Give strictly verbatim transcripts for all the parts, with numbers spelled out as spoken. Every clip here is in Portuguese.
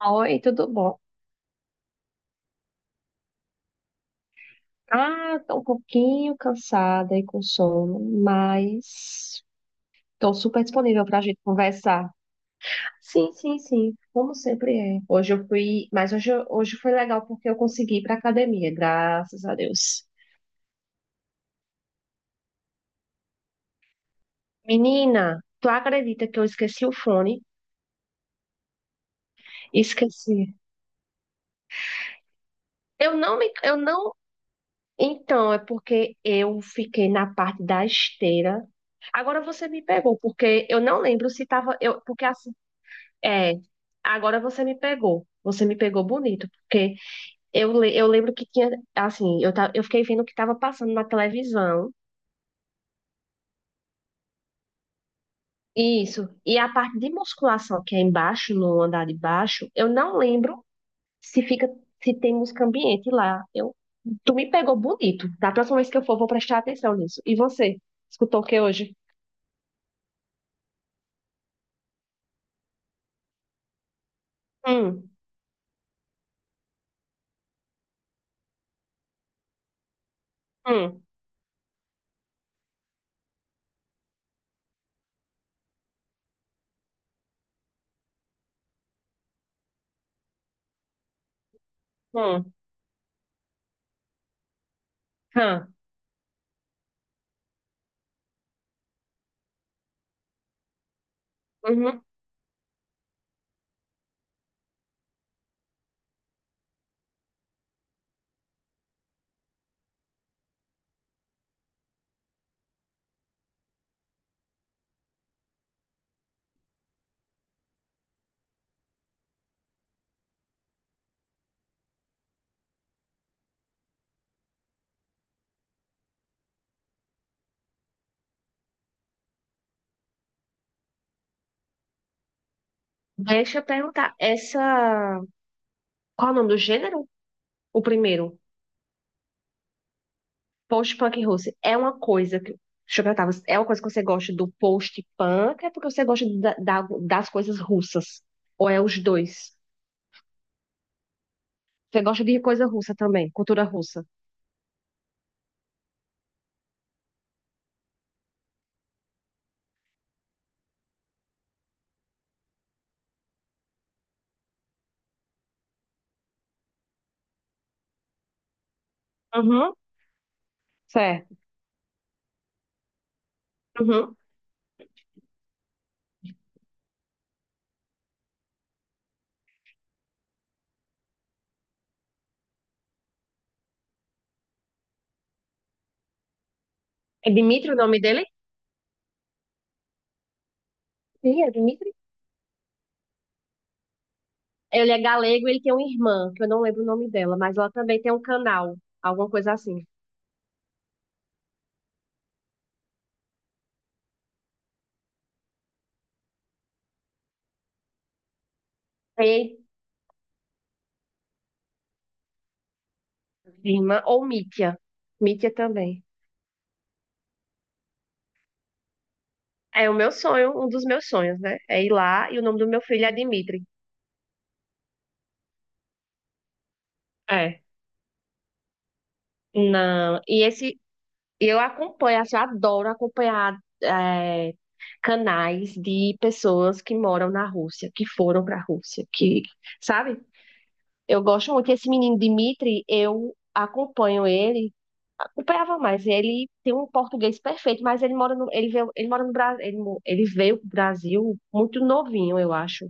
Oi, tudo bom? Ah, tô um pouquinho cansada e com sono, mas tô super disponível pra gente conversar. Sim, sim, sim, como sempre é. Hoje eu fui, mas hoje, eu- hoje foi legal porque eu consegui ir pra academia, graças a Deus. Menina, tu acredita que eu esqueci o fone? Esqueci. Eu não me, eu não. Então, é porque eu fiquei na parte da esteira. Agora você me pegou, porque eu não lembro se tava, eu, porque assim. É, agora você me pegou. Você me pegou bonito, porque eu, le- eu lembro que tinha, assim, eu, ta- eu fiquei vendo o que estava passando na televisão. Isso. E a parte de musculação que é embaixo, no andar de baixo, eu não lembro se fica, se tem música ambiente lá. Eu, tu me pegou bonito. Da próxima vez que eu for, vou prestar atenção nisso. E você? Escutou o que hoje? Hum, hum, hum, hum, uhum. Deixa eu perguntar, essa. Qual é o nome do gênero? O primeiro. Post-punk russo é uma coisa que. Deixa eu perguntar, você- é uma coisa que você gosta do post-punk? É porque você gosta da- da- das coisas russas? Ou é os dois? Você gosta de coisa russa também, cultura russa? Uhum, certo. Uhum. É Dmitri o nome dele? Sim, é Dmitri. Ele é galego, ele tem uma irmã, que eu não lembro o nome dela, mas ela também tem um canal, alguma coisa assim. Ei, irmã ou Mítia. Mítia também. É o meu sonho, um dos meus sonhos, né? É ir lá e o nome do meu filho é Dmitri. É. Não, e esse eu acompanho, assim, eu adoro acompanhar é, canais de pessoas que moram na Rússia, que foram para a Rússia, que, sabe? Eu gosto muito. Esse menino Dmitry, eu acompanho ele, acompanhava mais. Ele tem um português perfeito, mas ele mora no, ele veio, ele mora no Brasil, ele, mo- ele veio para Brasil muito novinho, eu acho.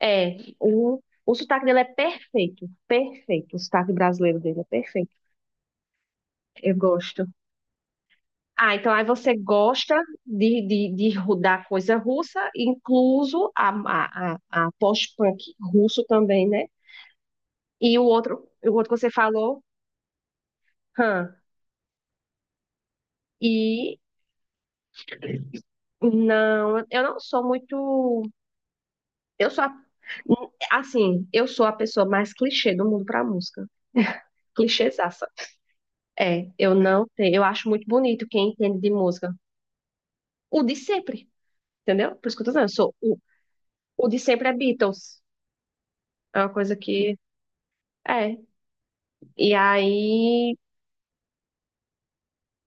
É, o, o sotaque dele é perfeito, perfeito. O sotaque brasileiro dele é perfeito. Eu gosto. Ah, então aí você gosta de, de, de ru- da coisa russa, incluso a, a, a, a post-punk russo também, né? E o outro, o outro que você falou, hã, e não, eu não sou muito, eu sou, a- assim, eu sou a pessoa mais clichê do mundo pra música, clichêzaça. É, eu não tenho, eu acho muito bonito quem entende de música, o de sempre, entendeu? Por isso que eu tô dizendo, eu sou, o, o de sempre é Beatles, é uma coisa que... É. E aí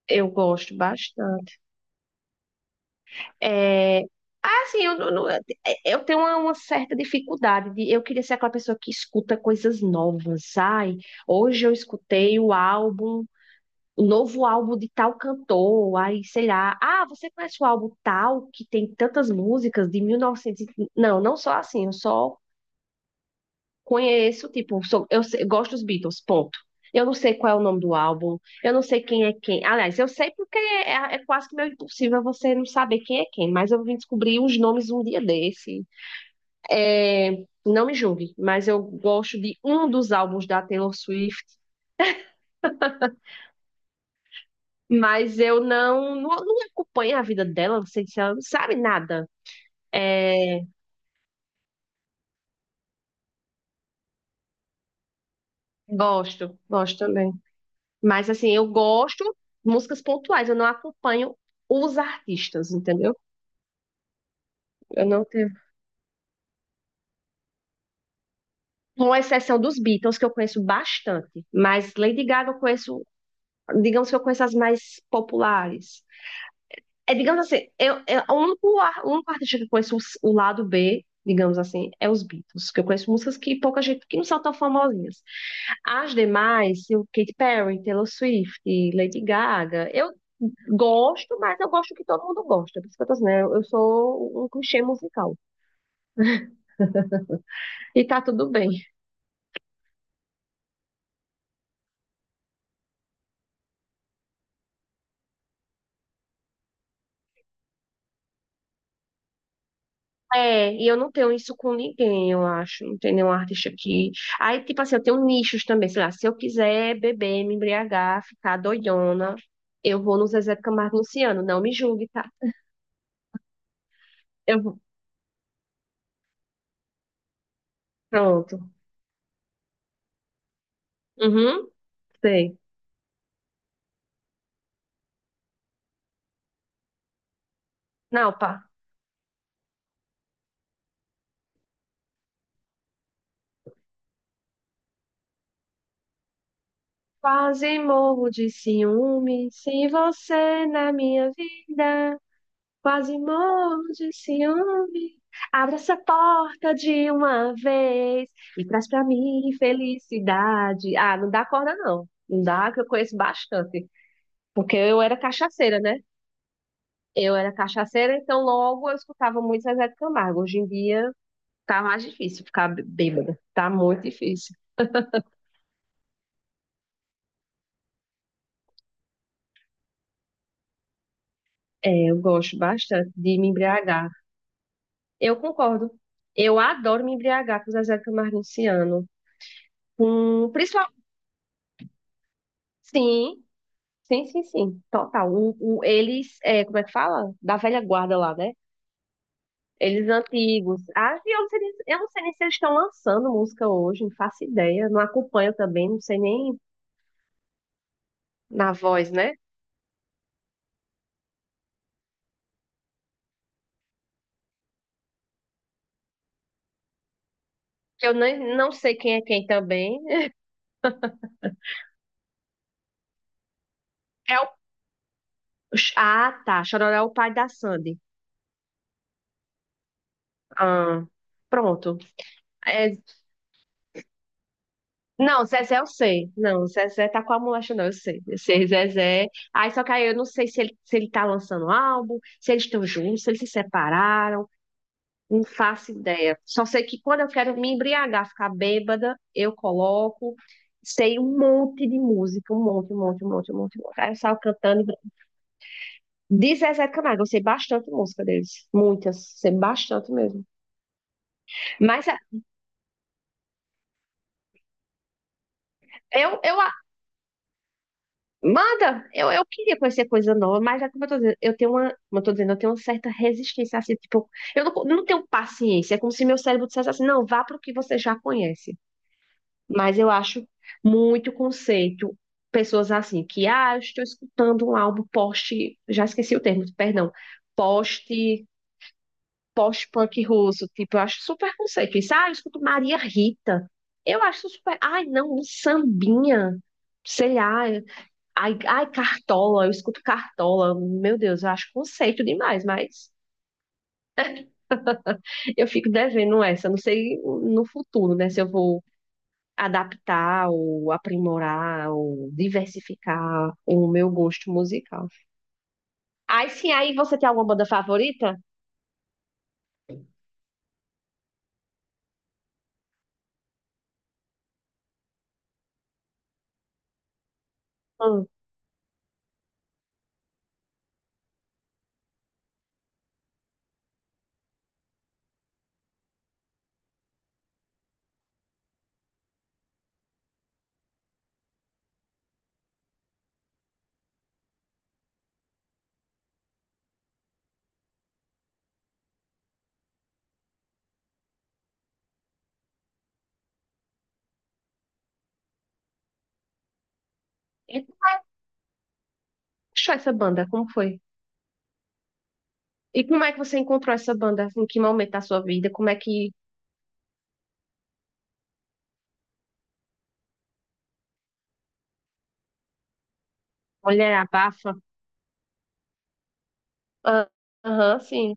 eu gosto bastante. É, ah assim, eu, não- não- eu tenho uma, uma certa dificuldade de eu queria ser aquela pessoa que escuta coisas novas. Ai, hoje eu escutei o álbum, o novo álbum de tal cantor, aí sei lá. Ah, você conhece o álbum tal que tem tantas músicas de mil e novecentos? e- novecentos? e- Não, não sou assim, eu só conheço, tipo, sou, eu, sei- gosto dos Beatles, ponto. Eu não sei qual é o nome do álbum, eu não sei quem é quem. Aliás, eu sei porque é, é- é quase que meio impossível você não saber quem é quem, mas eu vim descobrir os nomes um dia desse. É, não me julgue, mas eu gosto de um dos álbuns da Taylor Swift, mas eu não, não, não acompanho a vida dela, não sei se ela não sabe nada. É, gosto, gosto também. Mas assim, eu gosto de músicas pontuais, eu não acompanho os artistas, entendeu? Eu não tenho. Com exceção dos Beatles, que eu conheço bastante, mas Lady Gaga eu conheço, digamos que eu conheço as mais populares. É, digamos assim, eu, eu- o único, ar- o único artista que eu conheço os- o lado B, digamos assim, é os Beatles, que eu conheço músicas que pouca gente, que não são tão famosinhas. As demais, o Katy Perry, Taylor Swift, Lady Gaga, eu gosto, mas eu gosto que todo mundo gosta, por isso que eu tô dizendo, eu eu sou um clichê musical, e tá tudo bem. É, e eu não tenho isso com ninguém, eu acho. Não tem nenhum artista aqui. Aí, tipo assim, eu tenho nichos também, sei lá, se eu quiser beber, me embriagar, ficar doidona, eu vou no Zezé de Camargo e Luciano, não me julgue, tá? Eu vou. Pronto. Uhum, sei. Não, pá. Quase morro de ciúme, sem você na minha vida. Quase morro de ciúme. Abre essa porta de uma vez e traz pra mim felicidade. Ah, não dá corda, não. Não dá, que eu conheço bastante. Porque eu era cachaceira, né? Eu era cachaceira, então logo eu escutava muito Zezé de Camargo. Hoje em dia tá mais difícil ficar bê- bêbada. Tá muito difícil. É, eu gosto bastante de me embriagar. Eu concordo. Eu adoro me embriagar com Zezé de Camargo e Luciano. Com, principalmente, sim. Sim, sim, sim, total. o, o eles, é, como é que fala? Da velha guarda lá, né? Eles antigos. Ah, e eu não sei, nem- eu não sei nem se eles estão lançando música hoje, não faço ideia. Não acompanho também, não sei nem na voz, né? Que eu nem, não sei quem é quem também. É o... Ah, tá. Chororó é o pai da Sandy. Ah, pronto. É, não, Zezé eu sei. Não, Zezé tá com a molecha, não, eu sei. Eu sei, Zezé. Aí só que aí eu não sei se ele, se ele tá lançando um álbum, se eles estão juntos, se eles se separaram. Não faço ideia. Só sei que quando eu quero me embriagar, ficar bêbada, eu coloco, sei um monte de música, um monte, um monte, um monte, um monte. Um monte. Aí eu saio cantando. De Zezé de Camargo, eu sei bastante música deles. Muitas, sei bastante mesmo. Mas é, eu, eu a- manda, eu, eu queria conhecer coisa nova, mas é como eu tô dizendo, eu tenho uma, como eu tô dizendo, eu tenho uma certa resistência assim, tipo, eu não, não tenho paciência. É como se meu cérebro dissesse assim, não, vá para o que você já conhece. Mas eu acho muito conceito. Pessoas assim, que, ah, eu estou escutando um álbum post, já esqueci o termo, perdão, post, post-punk russo, tipo, eu acho super conceito. Isso, ah, eu escuto Maria Rita. Eu acho super, ai, não, um sambinha, sei lá, ai, ai, Cartola, eu escuto Cartola, meu Deus, eu acho conceito demais, mas eu fico devendo essa, não sei no futuro, né, se eu vou adaptar ou aprimorar ou diversificar o meu gosto musical. Aí sim, aí você tem alguma banda favorita? Hum. E como você achou essa banda? Como foi? E como é que você encontrou essa banda? Em que momento da sua vida? Como é que mulher abafa? Ah, aham, sim,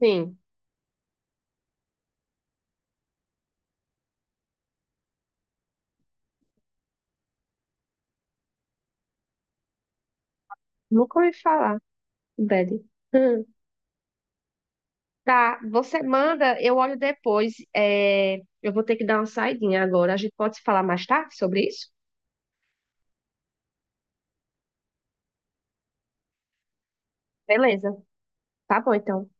sim. Nunca ouvi falar, Bad. Hum. Tá, você manda, eu olho depois. É, eu vou ter que dar uma saidinha agora. A gente pode se falar mais tarde sobre isso? Beleza. Tá bom, então.